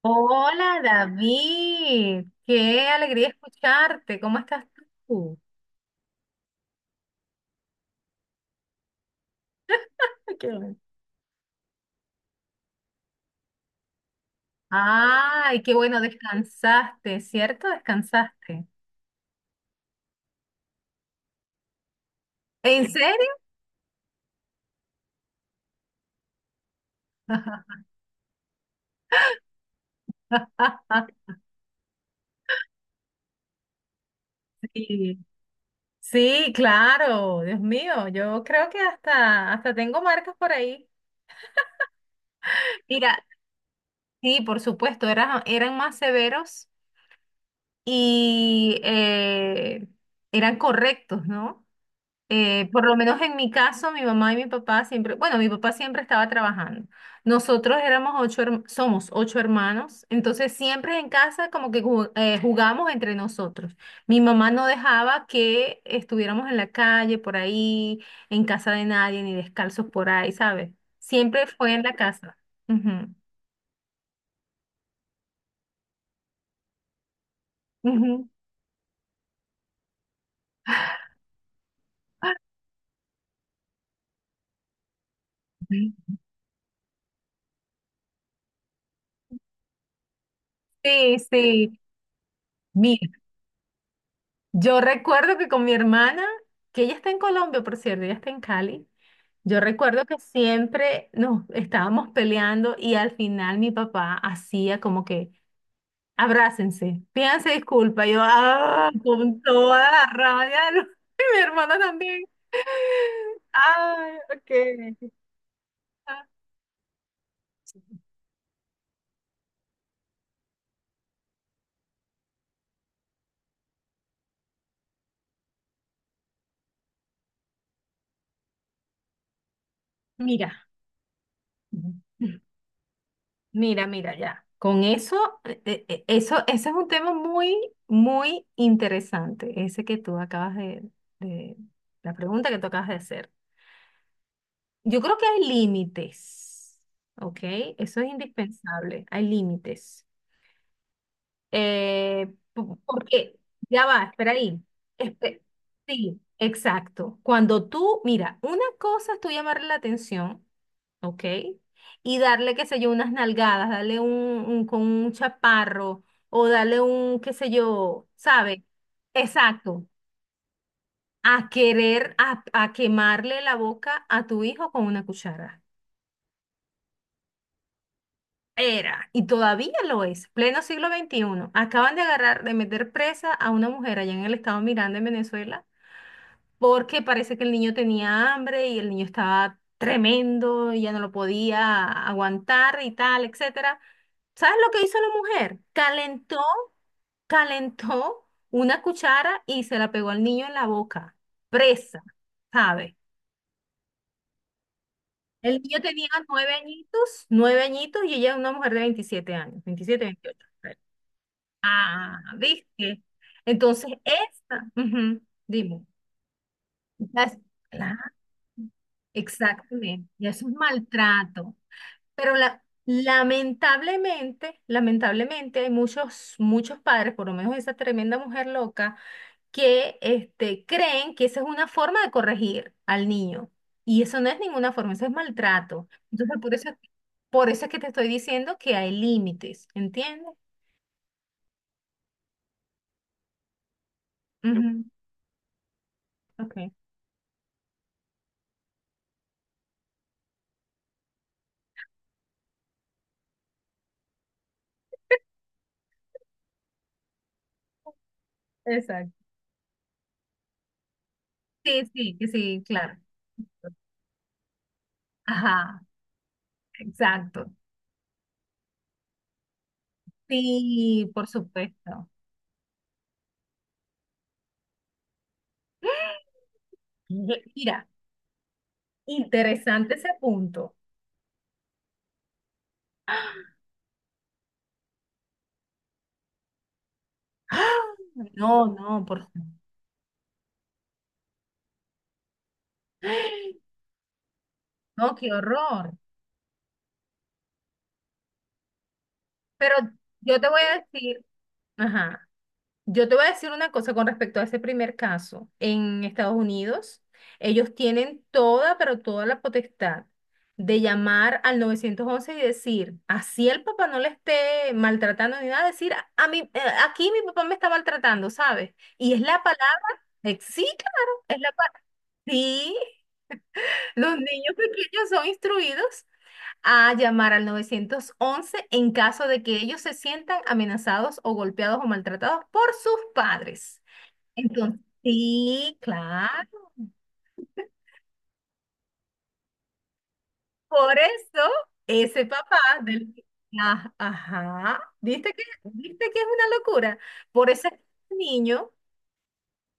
Hola David, qué alegría escucharte. ¿Cómo estás tú? Ay, qué bueno. Ay, qué bueno, descansaste, ¿cierto? Descansaste. ¿En serio? Sí, sí, claro, Dios mío, yo creo que hasta tengo marcas por ahí. Mira, sí, por supuesto, eran más severos y eran correctos, ¿no? Por lo menos en mi caso, mi mamá y mi papá siempre, bueno, mi papá siempre estaba trabajando. Nosotros éramos ocho, somos ocho hermanos, entonces siempre en casa como que jugamos entre nosotros. Mi mamá no dejaba que estuviéramos en la calle, por ahí, en casa de nadie, ni descalzos por ahí, ¿sabes? Siempre fue en la casa. Ujú, ujú. Ujú. Sí, sí. Mira, yo recuerdo que con mi hermana, que ella está en Colombia, por cierto, ella está en Cali. Yo recuerdo que siempre nos estábamos peleando y al final mi papá hacía como que, abrácense, pídanse disculpa. Yo, con toda la rabia, y mi hermana también. Ay, ok. Ah, Mira, mira, mira, ya. Con eso, eso, ese es un tema muy, muy interesante, ese que tú acabas de, la pregunta que tú acabas de hacer. Yo creo que hay límites, ¿ok? Eso es indispensable, hay límites. Porque, ya va, espera ahí. Espe- sí, exacto. Cuando tú, mira, una cosa es tú llamarle la atención, ¿ok? Y darle, qué sé yo, unas nalgadas, darle con un chaparro o darle un, qué sé yo, ¿sabe? Exacto. A querer, a quemarle la boca a tu hijo con una cuchara. Era, y todavía lo es, pleno siglo XXI. Acaban de agarrar, de meter presa a una mujer allá en el estado Miranda, en Venezuela, porque parece que el niño tenía hambre y el niño estaba tremendo y ya no lo podía aguantar y tal, etcétera. ¿Sabes lo que hizo la mujer? Calentó una cuchara y se la pegó al niño en la boca, presa, ¿sabes? El niño tenía 9 añitos, 9 añitos, y ella es una mujer de 27 años, 27 28. Ah, ¿viste? Entonces, ujú, dime, ya es- claro, exactamente, ya es un maltrato. Pero lamentablemente, lamentablemente hay muchos, muchos padres, por lo menos esa tremenda mujer loca, que creen que esa es una forma de corregir al niño. Y eso no es ninguna forma, eso es maltrato. Entonces, por eso es que te estoy diciendo que hay límites, ¿entiendes? Ujú, ok. Exacto. Sí, sí, que sí, claro. Ajá, exacto. Sí, por supuesto. Mira, interesante ese punto. ¡Ah! No, no, por favor. No, qué horror. Pero yo te voy a decir, ajá. Yo te voy a decir una cosa con respecto a ese primer caso. En Estados Unidos, ellos tienen toda, pero toda la potestad de llamar al 911 y decir, así el papá no le esté maltratando ni nada, decir, a mí, aquí mi papá me está maltratando, ¿sabes? Y es la palabra, sí, claro, es la palabra. Sí, los niños pequeños son instruidos a llamar al 911 en caso de que ellos se sientan amenazados o golpeados o maltratados por sus padres. Entonces, sí, claro. Por eso, ese papá del... Ah, ajá, ¿viste que es una locura? Por ese niño,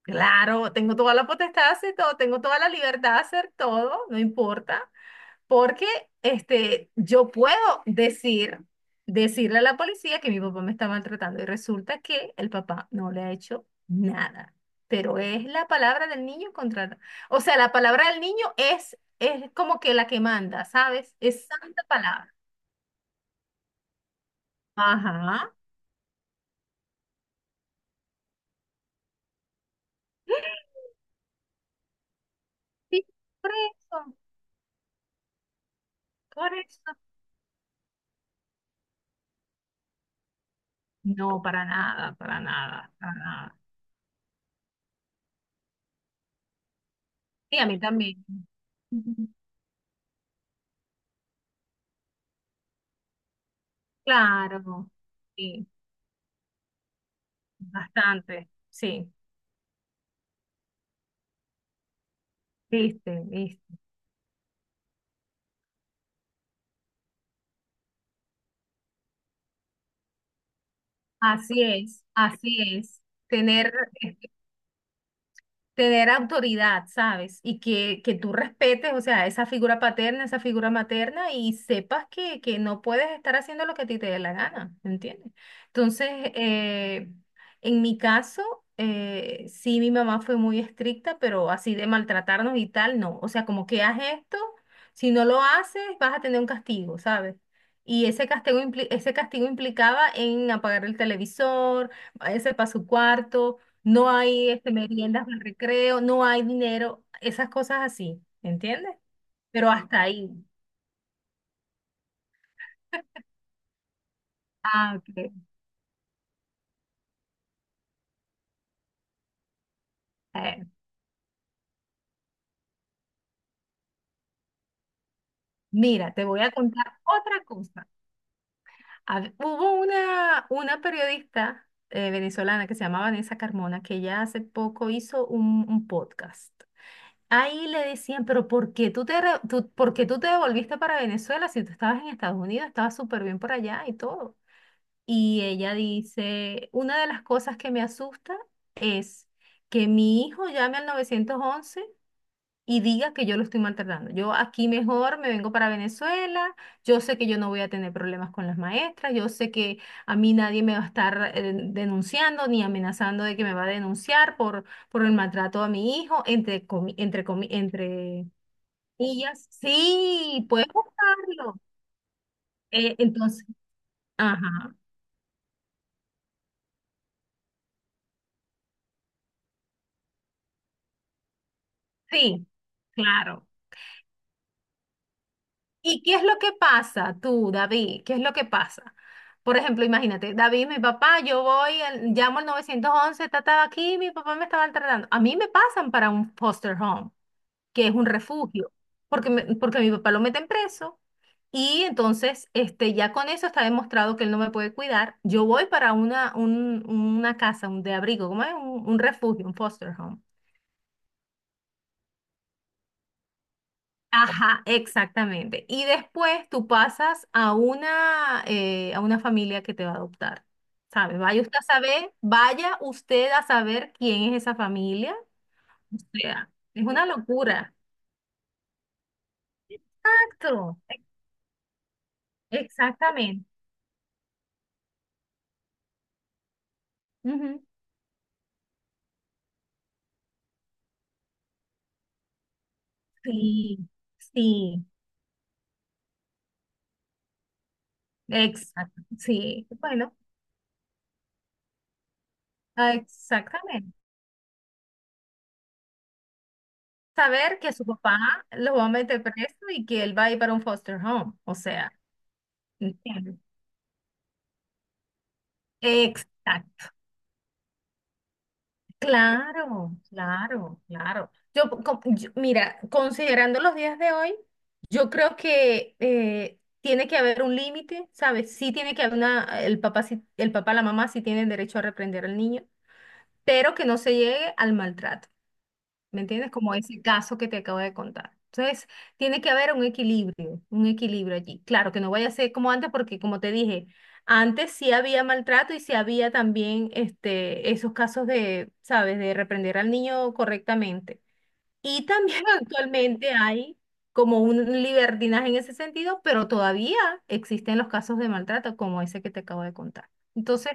claro, tengo toda la potestad de hacer todo, tengo toda la libertad de hacer todo, no importa. Porque yo puedo decir, decirle a la policía que mi papá me está maltratando y resulta que el papá no le ha hecho nada. Pero es la palabra del niño contra. O sea, la palabra del niño es como que la que manda, ¿sabes? Es santa palabra. Ajá. Sí, por eso, por eso. No, para nada, para nada, para nada. Sí, a mí también. Ujú. Claro, sí, bastante, sí. Viste, viste. Así es, así es. Tener, es- tener autoridad, ¿sabes? Y que tú respetes, o sea, esa figura paterna, esa figura materna y sepas que no puedes estar haciendo lo que a ti te dé la gana, ¿entiendes? Entonces, eh, en mi caso, sí, mi mamá fue muy estricta, pero así de maltratarnos y tal, no. O sea, como que haz esto, si no lo haces, vas a tener un castigo, ¿sabes? Y ese castigo, ese castigo implicaba en apagar el televisor, váyase para su cuarto, no hay meriendas de recreo, no hay dinero, esas cosas así, ¿entiendes? Pero hasta ahí. Ah, ok. Eh, Mira, te voy a contar otra cosa. Hubo una periodista venezolana, que se llamaba Vanessa Carmona, que ya hace poco hizo un podcast. Ahí le decían, pero por qué tú te devolviste para Venezuela si tú estabas en Estados Unidos, estabas súper bien por allá y todo? Y ella dice, una de las cosas que me asusta es que mi hijo llame al 911 y diga que yo lo estoy maltratando. Yo aquí mejor me vengo para Venezuela, yo sé que yo no voy a tener problemas con las maestras, yo sé que a mí nadie me va a estar denunciando ni amenazando de que me va a denunciar por el maltrato a mi hijo, entre comillas. Sí, puedes buscarlo. Entonces, ajá, sí, claro. ¿Y qué es lo que pasa tú, David? ¿Qué es lo que pasa? Por ejemplo, imagínate, David, mi papá, yo voy, llamo al 911, estaba aquí, mi papá me estaba maltratando. A mí me pasan para un foster home, que es un refugio, porque mi papá lo meten preso. Y entonces, ya con eso está demostrado que él no me puede cuidar. Yo voy para una casa, un de abrigo, ¿cómo es? Un refugio, un foster home. Ajá, exactamente. Y después tú pasas a una familia que te va a adoptar, ¿sabes? Vaya usted a saber, vaya usted a saber quién es esa familia. O sea, es una locura. Exacto, exactamente. Ujú. Sí, sí, exacto, sí. Bueno, exactamente. Saber que su papá lo va a meter preso y que él va a ir para un foster home, o sea, ¿entiendes? Exacto. Claro, claro, claro. Mira, considerando los días de hoy, yo creo que tiene que haber un límite, ¿sabes? Sí tiene que haber una, el papá, sí- el papá, la mamá sí tienen derecho a reprender al niño, pero que no se llegue al maltrato. ¿Me entiendes? Como ese caso que te acabo de contar. Entonces, tiene que haber un equilibrio allí. Claro, que no vaya a ser como antes, porque como te dije, antes sí había maltrato y sí había también esos casos de, ¿sabes?, de reprender al niño correctamente. Y también actualmente hay como un libertinaje en ese sentido, pero todavía existen los casos de maltrato como ese que te acabo de contar. Entonces,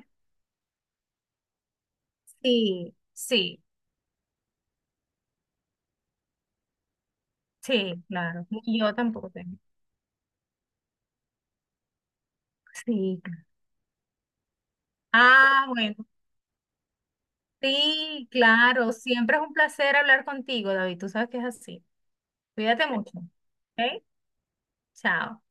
sí, sí, sí, claro. Y yo tampoco tengo. Sí. Ah, bueno, sí, claro. Siempre es un placer hablar contigo, David. Tú sabes que es así. Cuídate mucho. ¿Ok? Chao.